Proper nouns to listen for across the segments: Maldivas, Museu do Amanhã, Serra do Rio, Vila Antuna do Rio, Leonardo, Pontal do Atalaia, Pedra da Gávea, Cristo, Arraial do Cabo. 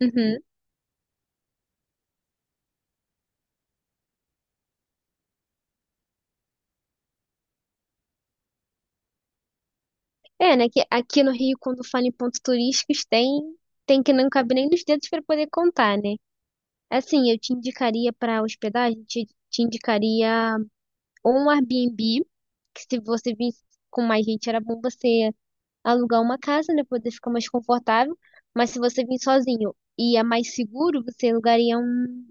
Uhum. É, né? Que aqui no Rio, quando fala em pontos turísticos, tem que não cabe nem nos dedos para poder contar, né? Assim, eu te indicaria para hospedagem, te indicaria ou um Airbnb, que se você visse com mais gente, era bom você alugar uma casa, né? Poder ficar mais confortável. Mas se você vir sozinho e é mais seguro, você alugaria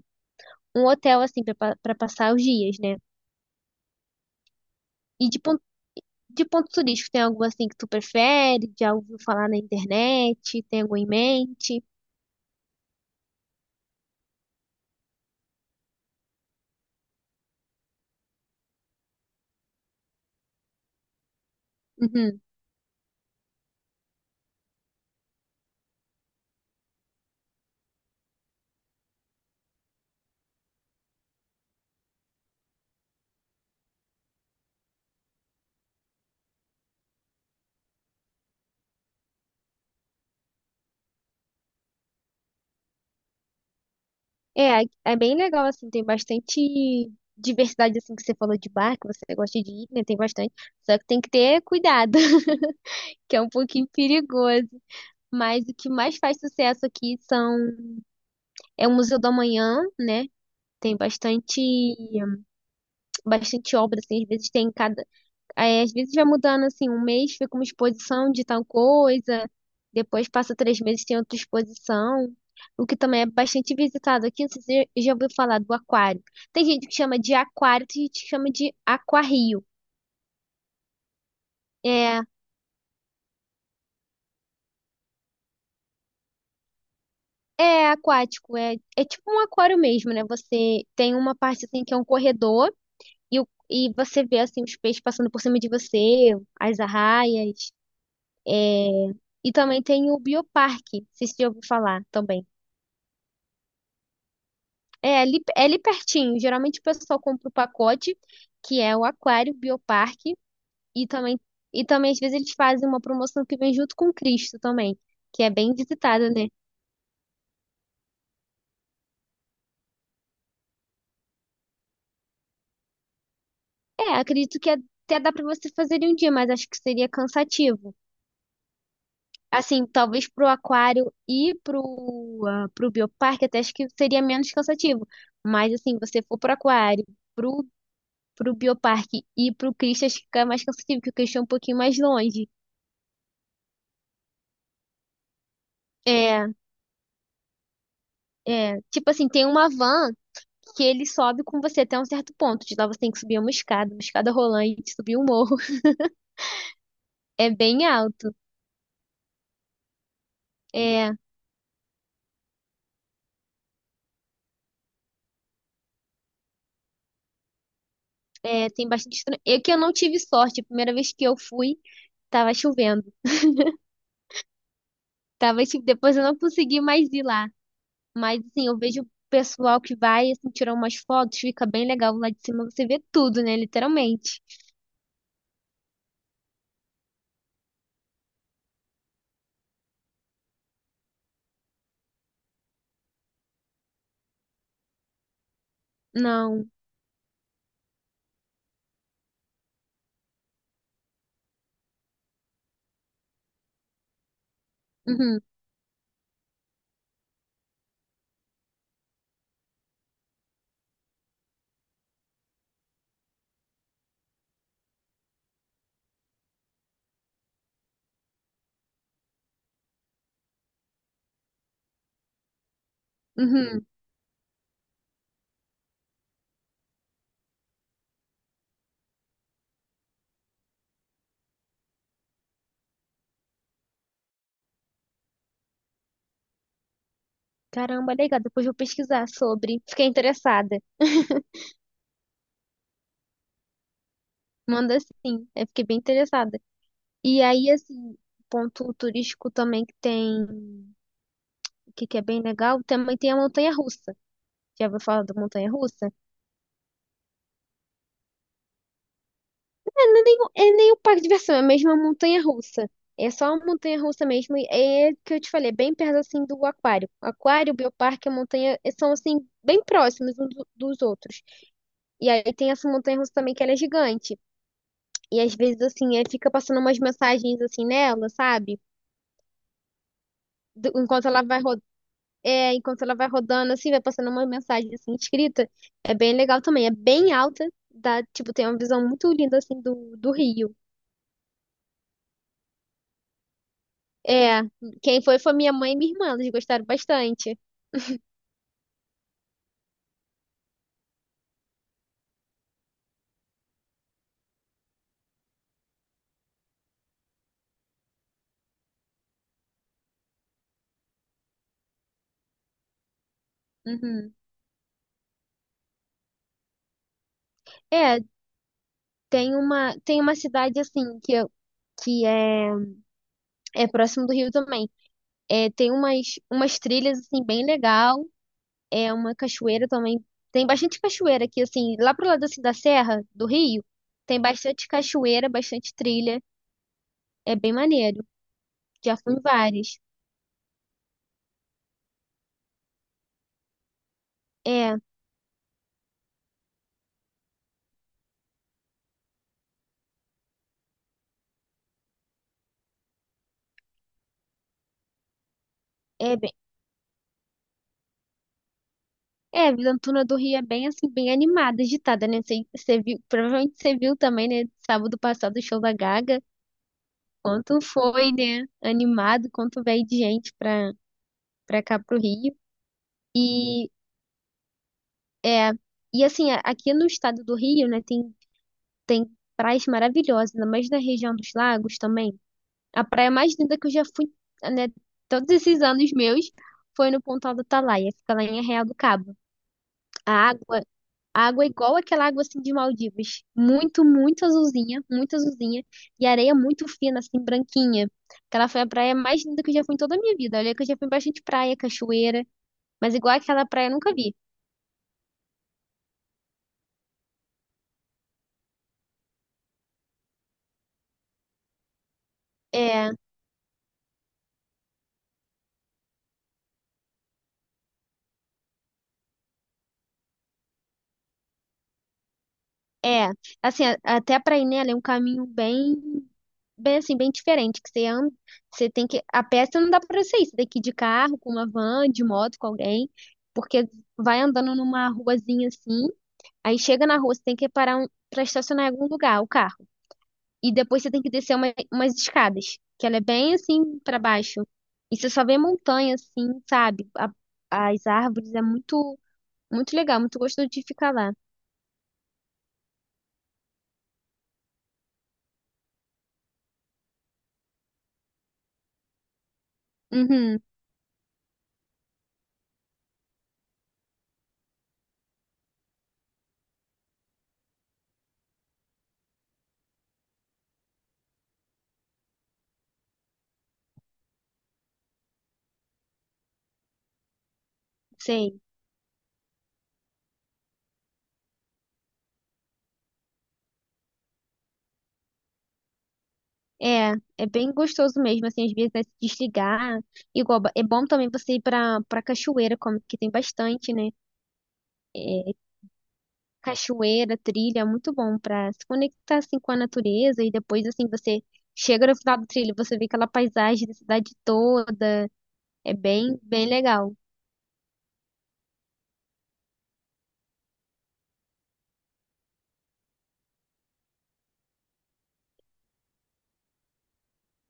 um hotel, assim, para passar os dias, né? E de ponto turístico, tem algo assim que tu prefere? Já ouviu falar na internet? Tem algo em mente? Uhum. É bem legal, assim, tem bastante diversidade, assim, que você falou de bar, que você gosta de ir, né? Tem bastante. Só que tem que ter cuidado, que é um pouquinho perigoso. Mas o que mais faz sucesso aqui são... É o Museu do Amanhã, né? Tem bastante, bastante obra, assim, às vezes tem cada... Aí, às vezes vai mudando assim, um mês fica uma exposição de tal coisa, depois passa 3 meses tem outra exposição, o que também é bastante visitado aqui. Não sei se você já ouviu falar do aquário. Tem gente que chama de aquário, tem gente que chama de aquarrio. É, é aquático, é tipo um aquário mesmo, né? Você tem uma parte assim que é um corredor e, e você vê assim os peixes passando por cima de você, as arraias. E também tem o bioparque, não sei se você já ouviu falar também. É ali pertinho. Geralmente o pessoal compra o pacote, que é o Aquário, Bioparque, e também, e também às vezes eles fazem uma promoção que vem junto com o Cristo também, que é bem visitado, né? É, acredito que até dá pra você fazer em um dia, mas acho que seria cansativo. Assim, talvez pro Aquário e pro, ah, pro Bioparque até acho que seria menos cansativo. Mas assim, você for pro Aquário, pro, pro Bioparque e pro Cristo, acho que fica mais cansativo, porque o Cristo é um pouquinho mais longe. É. É, tipo assim, tem uma van que ele sobe com você até um certo ponto. De lá você tem que subir uma escada rolante, subir um morro. É bem alto. É, é, tem bastante. É que eu não tive sorte. A primeira vez que eu fui, tava chovendo. Tava, tipo, depois eu não consegui mais ir lá. Mas assim, eu vejo o pessoal que vai, assim, tirar umas fotos, fica bem legal lá de cima. Você vê tudo, né? Literalmente. Não. Uhum, uhum. Caramba, legal. Depois eu vou pesquisar sobre. Fiquei interessada. Manda sim, eu fiquei bem interessada. E aí, assim, ponto turístico também que tem, que é bem legal, também tem a montanha-russa. Já ouviu falar da montanha-russa? É, é nem, é nem o parque de diversão, é mesmo a montanha-russa. É só a montanha-russa mesmo, e é que eu te falei, é bem perto, assim, do aquário. Aquário, bioparque, a montanha, eh, são, assim, bem próximos dos outros. E aí tem essa montanha-russa também que ela é gigante. E às vezes, assim, é, fica passando umas mensagens, assim, nela, sabe? Do- enquanto ela vai É, enquanto ela vai rodando, assim, vai passando uma mensagem, assim, escrita. É bem legal também. É bem alta, dá, tipo, tem uma visão muito linda, assim, do Rio. É, quem foi minha mãe e minha irmã, eles gostaram bastante. Uhum. É, tem uma cidade, assim, que é, é próximo do Rio também. É, umas trilhas, assim, bem legal. É uma cachoeira também. Tem bastante cachoeira aqui, assim, lá pro lado, assim, da Serra do Rio. Tem bastante cachoeira, bastante trilha. É bem maneiro. Já fui em várias. É, é bem. É, a Vila Antuna do Rio é bem assim, bem animada, agitada, né? Você viu, provavelmente você viu também, né? Sábado passado o show da Gaga. Quanto foi, né? Animado, quanto veio de gente pra, pra cá pro Rio. E é, e assim, aqui no estado do Rio, né, tem praias maravilhosas, ainda mais na região dos lagos também. A praia mais linda que eu já fui, né, todos esses anos meus, foi no Pontal do Atalaia, fica lá em Arraial do Cabo. A água Água igual aquela água assim de Maldivas. Muito azulzinha, muito azulzinha. E areia muito fina, assim, branquinha. Aquela foi a praia mais linda que eu já fui em toda a minha vida. Olha que eu já fui em bastante praia, cachoeira. Mas igual aquela praia eu nunca vi. É, é. Assim, até pra ir nela é um caminho bem assim, bem diferente. Que você anda, você tem que. A pé você não dá pra você ir. Você tem que ir de carro, com uma van, de moto, com alguém. Porque vai andando numa ruazinha assim. Aí chega na rua, você tem que parar um, pra estacionar em algum lugar, o carro. E depois você tem que descer umas escadas, que ela é bem assim pra baixo. E você só vê montanha assim, sabe? As árvores é muito legal, muito gostoso de ficar lá. Uhum, sei. É, é bem gostoso mesmo assim, às vezes né, se desligar. É bom também você ir pra para cachoeira, como que tem bastante, né? Cachoeira, trilha, é muito bom pra se conectar assim com a natureza e depois assim você chega no final do trilho, você vê aquela paisagem da cidade toda. É bem legal.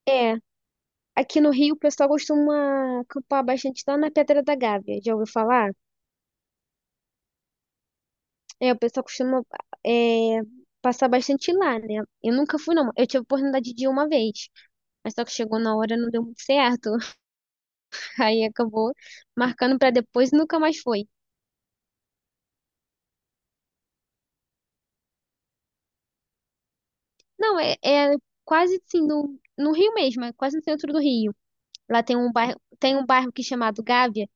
É, aqui no Rio o pessoal costuma acampar bastante lá na Pedra da Gávea, já ouviu falar? É, o pessoal costuma é, passar bastante lá, né? Eu nunca fui, não. Eu tive a oportunidade de ir uma vez, mas só que chegou na hora não deu muito certo. Aí acabou marcando pra depois e nunca mais foi. Não, é quase assim, no Rio mesmo, é quase no centro do Rio. Lá tem um bairro que é chamado Gávea,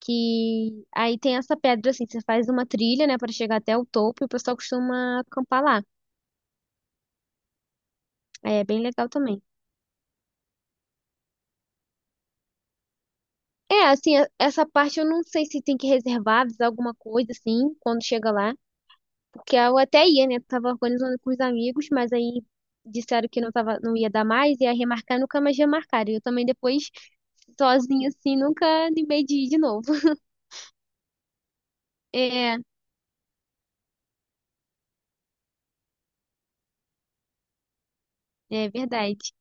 que aí tem essa pedra assim, você faz uma trilha, né, para chegar até o topo e o pessoal costuma acampar lá. É bem legal também. É, assim, essa parte eu não sei se tem que reservar, avisar alguma coisa, assim, quando chega lá. Porque eu até ia, né? Tava organizando com os amigos, mas aí disseram que não tava, não ia dar mais, ia remarcar, nunca mais remarcaram. E eu também depois, sozinha, assim, nunca animei de ir de novo. É, é verdade.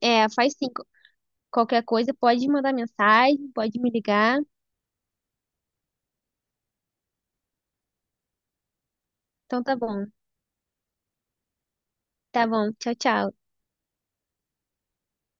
É, faz sim. Qualquer coisa, pode mandar mensagem, pode me ligar. Então tá bom. Tá bom. Tchau, tchau.